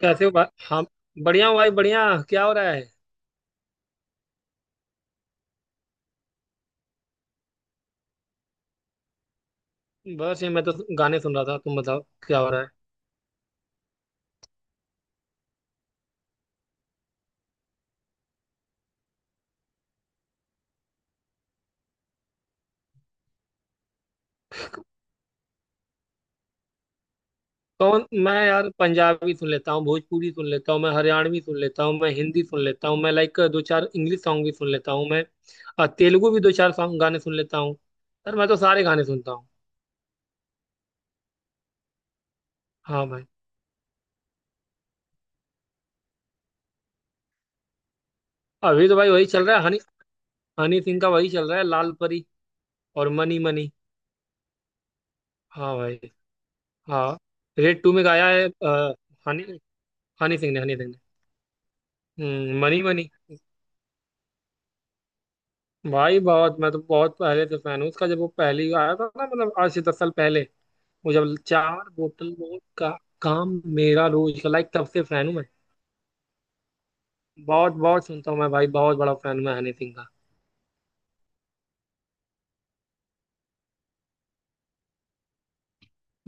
कैसे हो भाई हम? बढ़िया हूँ भाई, बढ़िया। क्या हो रहा है? बस ये मैं तो गाने सुन रहा था, तुम बताओ क्या हो रहा है। कौन? मैं यार पंजाबी सुन लेता हूँ, भोजपुरी सुन लेता हूँ, मैं हरियाणवी सुन लेता हूँ, मैं हिंदी सुन लेता हूँ, मैं लाइक दो चार इंग्लिश सॉन्ग भी सुन लेता हूँ। तेलुगु भी दो चार सॉन्ग गाने सुन लेता हूँ। यार मैं तो सारे गाने सुनता हूँ। हाँ भाई। अभी तो भाई वही चल रहा है, हनी, हनी सिंह का वही चल रहा है, लाल परी और मनी मनी। हाँ भाई। हाँ, रेड टू में गाया है हनी, हनी सिंह ने। Money money. भाई बहुत, मैं तो बहुत पहले से फैन हूँ उसका। जब वो पहली आया था ना, मतलब आज से 10 साल पहले, वो जब चार बोतल वोट का काम, मेरा रोज का, लाइक तब से फैन हूँ मैं। बहुत बहुत सुनता हूँ मैं भाई, बहुत बड़ा फैन हूँ मैं हनी सिंह का।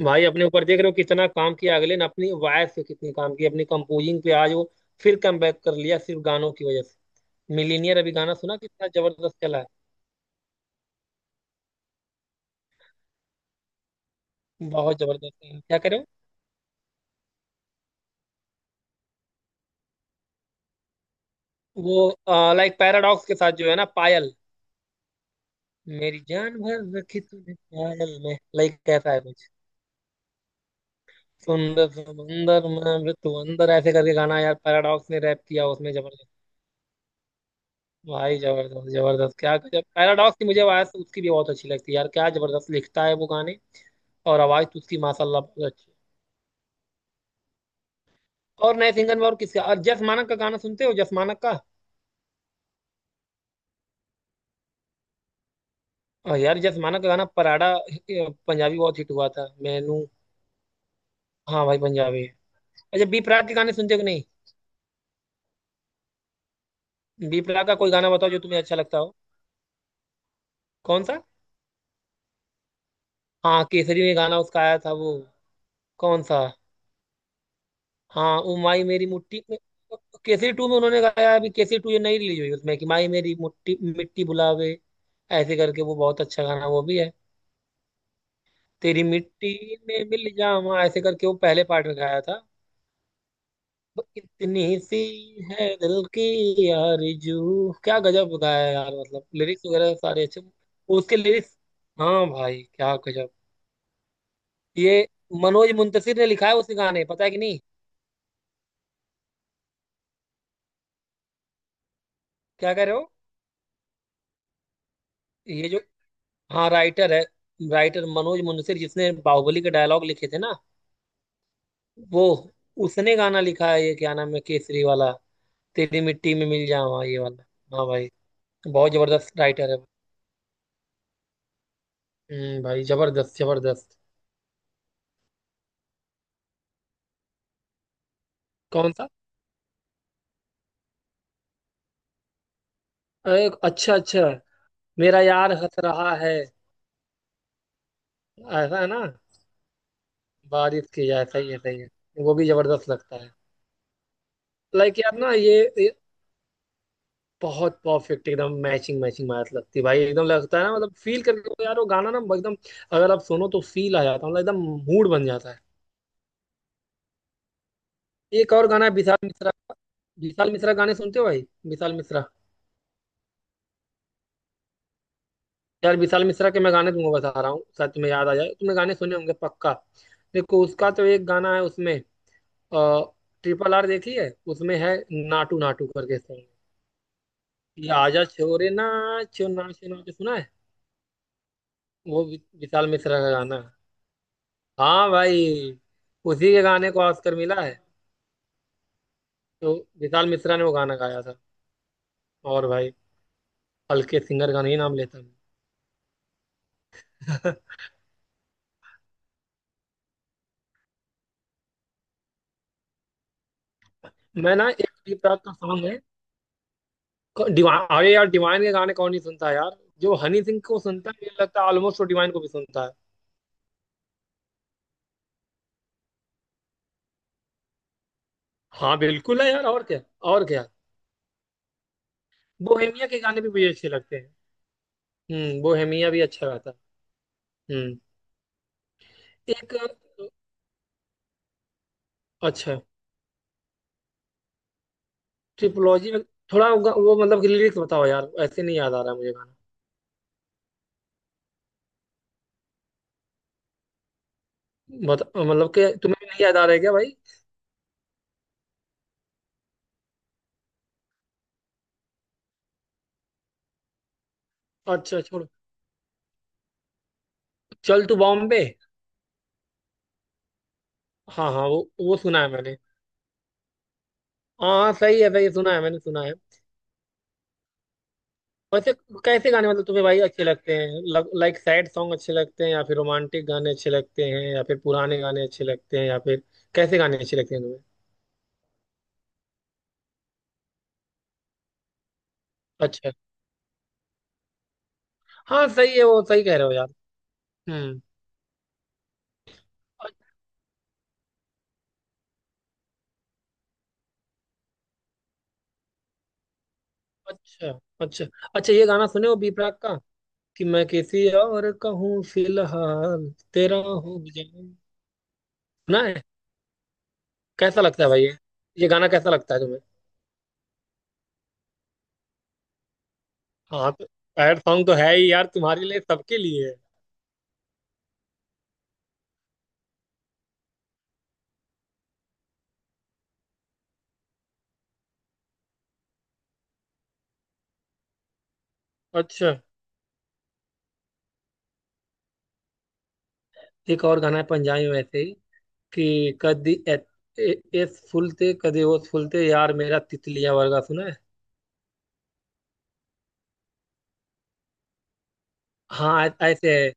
भाई अपने ऊपर देख रहे हो कितना काम किया अगले ने, अपनी वॉयस पे कितनी काम किया, अपनी कंपोजिंग पे, आज वो फिर कम बैक कर लिया सिर्फ गानों की वजह से। मिलीनियर अभी गाना सुना कितना जबरदस्त चला है। बहुत जबरदस्त है, क्या करे। वो लाइक पैराडॉक्स के साथ जो है ना, पायल, मेरी जान भर रखी तूने ख्याल में, लाइक कैसा है कुछ सुंदर समंदर में जो तू अंदर, ऐसे करके गाना यार पैराडॉक्स ने रैप किया उसमें, जबरदस्त। भाई जबरदस्त, जबरदस्त, क्या गजब। पैराडॉक्स की मुझे आवाज उसकी भी बहुत अच्छी लगती है यार, क्या जबरदस्त लिखता है वो गाने, और आवाज तो उसकी माशाल्लाह बहुत अच्छी है। और नए सिंगर में और किसका, और जस मानक का गाना सुनते हो? जस मानक का? और यार जस मानक का गाना पराडा, पंजाबी बहुत हिट हुआ था, मैनू। हाँ भाई पंजाबी है। अच्छा, बी प्राक के गाने सुनते हो कि नहीं? बी प्राक का कोई गाना बताओ जो तुम्हें अच्छा लगता हो। कौन सा? हाँ केसरी में गाना उसका आया था वो। कौन सा? हाँ ओ माई मेरी मुट्ठी में, केसरी टू में उन्होंने गाया अभी, केसरी टू ये नई रिलीज हुई उसमें कि माई मेरी मुट्ठी मिट्टी बुलावे, ऐसे करके वो बहुत अच्छा गाना वो भी है। तेरी मिट्टी में मिल जावा, ऐसे करके वो पहले पार्ट में गाया था। इतनी सी है दिल की आरज़ू, क्या गजब गाया है यार। मतलब लिरिक्स वगैरह सारे अच्छे उसके, लिरिक्स। हाँ भाई क्या गजब। ये मनोज मुंतशिर ने लिखा है उस गाने, पता है कि नहीं? क्या कह रहे हो? ये जो, हाँ राइटर है। राइटर मनोज मुंशी जिसने बाहुबली के डायलॉग लिखे थे ना वो, उसने गाना लिखा है ये, क्या नाम है केसरी वाला, तेरी मिट्टी में मिल जाऊँ, ये वाला। हाँ भाई। बहुत जबरदस्त राइटर है। भाई, जबरदस्त जबरदस्त। कौन सा? अरे, अच्छा अच्छा। मेरा यार हंस रहा है, ऐसा है ना? बारिश की, ऐसा ही है, सही है। वो भी जबरदस्त लगता है, लाइक यार ना ये, बहुत परफेक्ट एकदम मैचिंग मैचिंग मैच लगती है भाई, एकदम लगता है ना, मतलब फील करके तो यार वो गाना ना एकदम, अगर आप सुनो तो फील आ जाता है, मतलब एकदम मूड बन जाता है। एक और गाना है विशाल मिश्रा का। विशाल मिश्रा गाने सुनते हो भाई? विशाल मिश्रा, यार विशाल मिश्रा के मैं गाने तुमको बता रहा हूँ, शायद तुम्हें याद आ जाए, तुमने गाने सुने होंगे पक्का। देखो उसका तो एक गाना है उसमें, आ, ट्रिपल आर देखी है, उसमें है नाटू नाटू करके सॉन्ग, ये आजा छोरे नाचो नाचो नाचो सुना है। वो विशाल मिश्रा का गाना है। हाँ भाई, उसी के गाने को ऑस्कर मिला है। तो विशाल मिश्रा ने वो गाना गाया था। और भाई हल्के सिंगर का नहीं नाम लेता मैं। मैं ना, एक डी प्राक का सॉन्ग है। डिवाइन, अरे यार डिवाइन के गाने कौन नहीं सुनता है यार। जो हनी सिंह को सुनता है, मुझे लगता है ऑलमोस्ट वो डिवाइन को भी सुनता है। हाँ बिल्कुल है यार, और क्या, और क्या। बोहेमिया के गाने भी मुझे अच्छे लगते हैं। हम्म, बोहेमिया भी अच्छा गाता है। हम्म। एक अच्छा, ट्रिपोलॉजी में थोड़ा वो मतलब कि लिरिक्स बताओ यार, ऐसे नहीं याद आ रहा है मुझे गाना। मत, मतलब कि तुम्हें भी नहीं याद आ रहा है क्या भाई? अच्छा छोड़ो। चल तू बॉम्बे। हाँ हाँ वो सुना है मैंने। हाँ सही है, सही है, सुना है, मैंने सुना है। वैसे कैसे गाने मतलब तुम्हें भाई अच्छे लगते हैं? लाइक सैड सॉन्ग अच्छे लगते हैं, या फिर रोमांटिक गाने अच्छे लगते हैं, या फिर पुराने गाने अच्छे लगते हैं, या फिर कैसे गाने अच्छे लगते हैं तुम्हें? अच्छा। हाँ सही है, वो सही कह रहे हो यार। हम्म। अ- अच्छा अच्छा। अच्छा ये गाना सुने हो बी प्राक का कि मैं किसी और कहूँ, फिलहाल तेरा हो जाऊं? सुना है? कैसा लगता है भाई ये गाना कैसा लगता है तुम्हें? हाँ तो सैड सॉन्ग तो है ही यार, तुम्हारे लिए, सबके लिए है। अच्छा। एक और गाना है पंजाबी में वैसे ही कि कदी ए- एस फुलते कदी ओस फुलते, यार मेरा तितलिया वर्गा, सुना है? हाँ ऐसे है,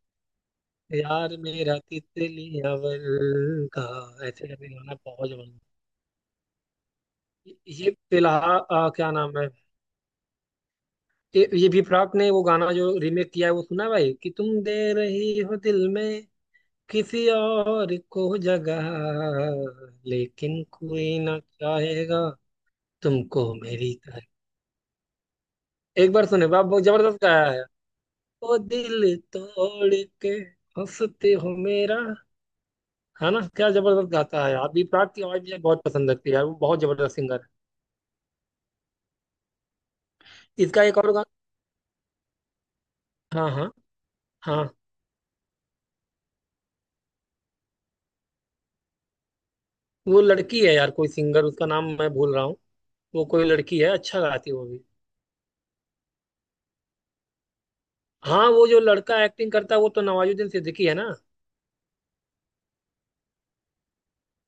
यार मेरा तितलिया वर्गा, ऐसे करके गाना, बहुत जबरदस्त। ये फिलहाल क्या नाम है, ये भी प्राक ने वो गाना जो रीमेक किया है वो सुना है भाई, कि तुम दे रही हो दिल में किसी और को जगह, लेकिन कोई ना चाहेगा तुमको मेरी तरह। एक बार सुने बाप, बहुत जबरदस्त गाया है। ओ दिल तोड़ के हंसते हो मेरा, है ना? क्या जबरदस्त गाता है आप, भी प्राक की आवाज मुझे बहुत पसंद लगती है यार, वो बहुत जबरदस्त सिंगर है। इसका एक और गाना, हाँ हाँ हाँ। वो लड़की है यार कोई सिंगर, उसका नाम मैं भूल रहा हूँ। वो कोई लड़की है, अच्छा गाती है वो भी। हाँ वो जो लड़का एक्टिंग करता है वो तो नवाजुद्दीन सिद्दीकी है ना।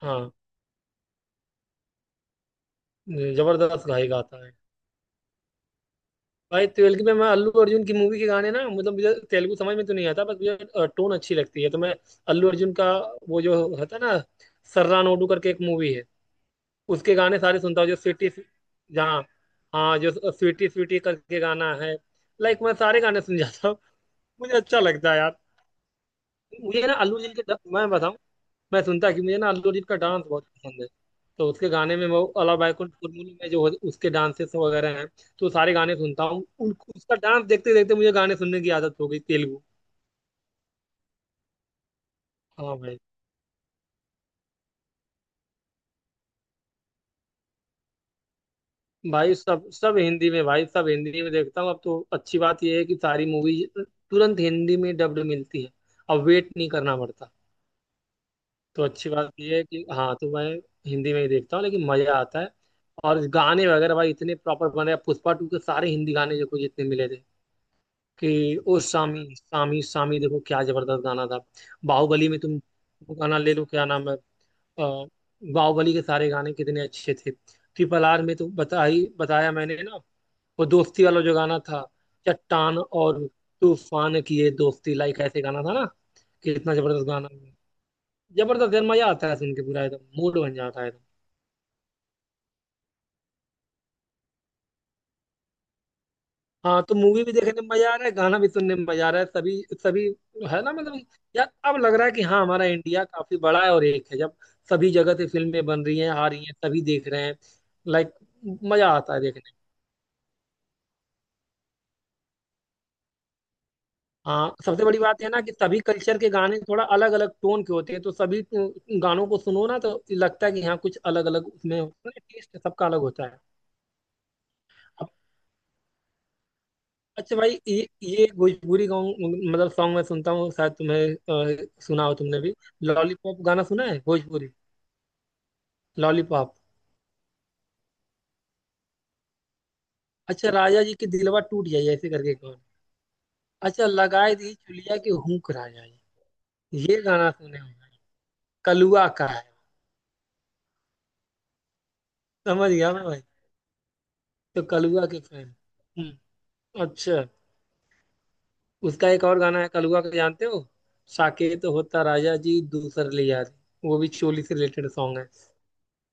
हाँ, जबरदस्त गाई गाता है भाई। ट्वेल्थ में मैं अल्लू अर्जुन की मूवी के गाने ना, मतलब मुझे तेलुगु समझ में तो नहीं आता, बस मुझे टोन अच्छी लगती है, तो मैं अल्लू अर्जुन का वो जो होता है ना, सर्रा नोडू करके एक मूवी है, उसके गाने सारे सुनता हूँ जो स्वीटी, जहाँ, हाँ जो स्वीटी स्वीटी करके गाना है, लाइक मैं सारे गाने सुन जाता हूँ। मुझे अच्छा लगता है यार। मुझे ना अल्लू अर्जुन के ड- मैं बताऊँ, मैं सुनता, कि मुझे ना अल्लू अर्जुन का डांस बहुत पसंद है। तो उसके गाने में, वो अला बैकुंठ कुरमुनी में जो उसके डांसेस वगैरह हैं, तो सारे गाने सुनता हूँ उन, उसका डांस देखते देखते मुझे गाने सुनने की आदत हो गई तेलुगु। हाँ भाई। भाई सब सब हिंदी में, भाई सब हिंदी में देखता हूँ अब तो। अच्छी बात यह है कि सारी मूवी तुरंत हिंदी में डब्ड मिलती है, अब वेट नहीं करना पड़ता। तो अच्छी बात यह है कि हाँ, तो मैं हिंदी में ही देखता हूँ, लेकिन मजा आता है। और गाने वगैरह भाई इतने प्रॉपर बने हैं। पुष्पा टू के सारे हिंदी गाने जो कुछ जितने मिले थे, कि ओ सामी सामी सामी, देखो क्या जबरदस्त गाना था। बाहुबली में तुम वो गाना ले लो, क्या नाम है, अ, बाहुबली के सारे गाने कितने अच्छे थे। ट्रिपल आर में तो बताई, बताया मैंने ना, वो दोस्ती वाला जो गाना था, चट्टान और तूफान की ये दोस्ती, लाइक ऐसे गाना था ना, कितना जबरदस्त गाना है। जबरदस्त यार, मजा आता है सुन के पूरा, एकदम मूड बन जाता है। हाँ तो मूवी भी देखने में मजा आ रहा है, गाना भी सुनने में मजा आ रहा है, सभी सभी, है ना? मतलब यार अब लग रहा है कि हाँ, हमारा इंडिया काफी बड़ा है, और एक है जब सभी जगह से फिल्में बन रही हैं, आ रही हैं, सभी देख रहे हैं, लाइक मजा आता है देखने में। हाँ सबसे बड़ी बात है ना कि सभी कल्चर के गाने थोड़ा अलग अलग टोन के होते हैं, तो सभी गानों को सुनो ना तो लगता है कि हाँ, कुछ अलग अलग उसमें, टेस्ट सबका अलग होता है। अच्छा भाई, ये भोजपुरी गाँव मतलब सॉन्ग मैं सुनता हूँ, शायद तुम्हें सुना हो तुमने भी, लॉलीपॉप गाना सुना है भोजपुरी? लॉलीपॉप। अच्छा राजा जी की दिलवा टूट जाए ऐसे करके, कौन? अच्छा लगाए दी चुलिया की हुक राजा जी, ये गाना सुने हो भाई? कलुआ का है। समझ गया मैं भाई, तो कलुआ के फैन। हम्म, अच्छा। उसका एक और गाना है कलुआ का, जानते हो? साकेत होता राजा जी दूसर लिया रे, वो भी चोली से रिलेटेड सॉन्ग है,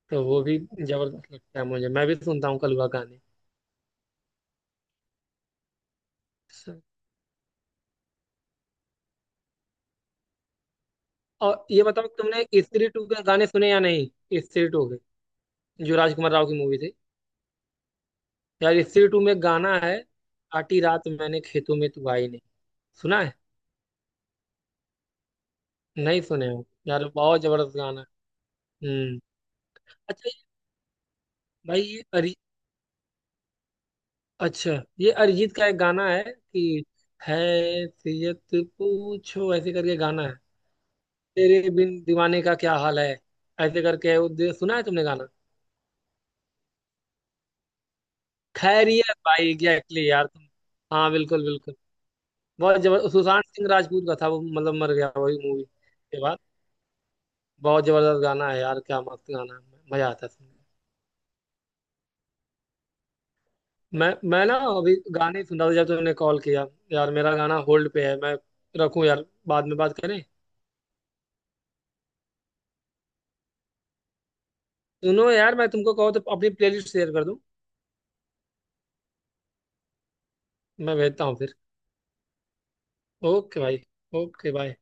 तो वो भी जबरदस्त लगता है मुझे, मैं भी सुनता हूँ कलवा गाने। और ये बताओ, तुमने स्त्री टू के गाने सुने या नहीं, स्त्री टू के, जो राजकुमार राव की मूवी थी? यार स्त्री टू में गाना है काटी रात मैंने खेतों में तू आई नहीं, सुना है? नहीं सुने हो यार, बहुत जबरदस्त गाना है। हम्म। अच्छा ये-, भाई ये अरि अच्छा ये अरिजीत का एक गाना है कि हैसियत पूछो, ऐसे करके गाना है, तेरे बिन दीवाने का क्या हाल है, ऐसे करके वो, सुना है तुमने गाना? खैरियत भाई, एग्जैक्टली यार तुम, हाँ बिल्कुल बिल्कुल। बहुत जबरदस्त सुशांत सिंह राजपूत का था वो, मतलब मर गया वही मूवी के बाद। बहुत जबरदस्त गाना है यार, क्या मस्त गाना है, मजा आता है सुनने। मैं ना अभी गाने ही सुन रहा था जब तुमने कॉल किया। यार मेरा गाना होल्ड पे है, मैं रखूं यार, बाद में बात करें? सुनो यार, मैं तुमको कहूँ तो अपनी प्लेलिस्ट शेयर कर दूं। मैं भेजता हूँ फिर। ओके भाई, ओके बाय।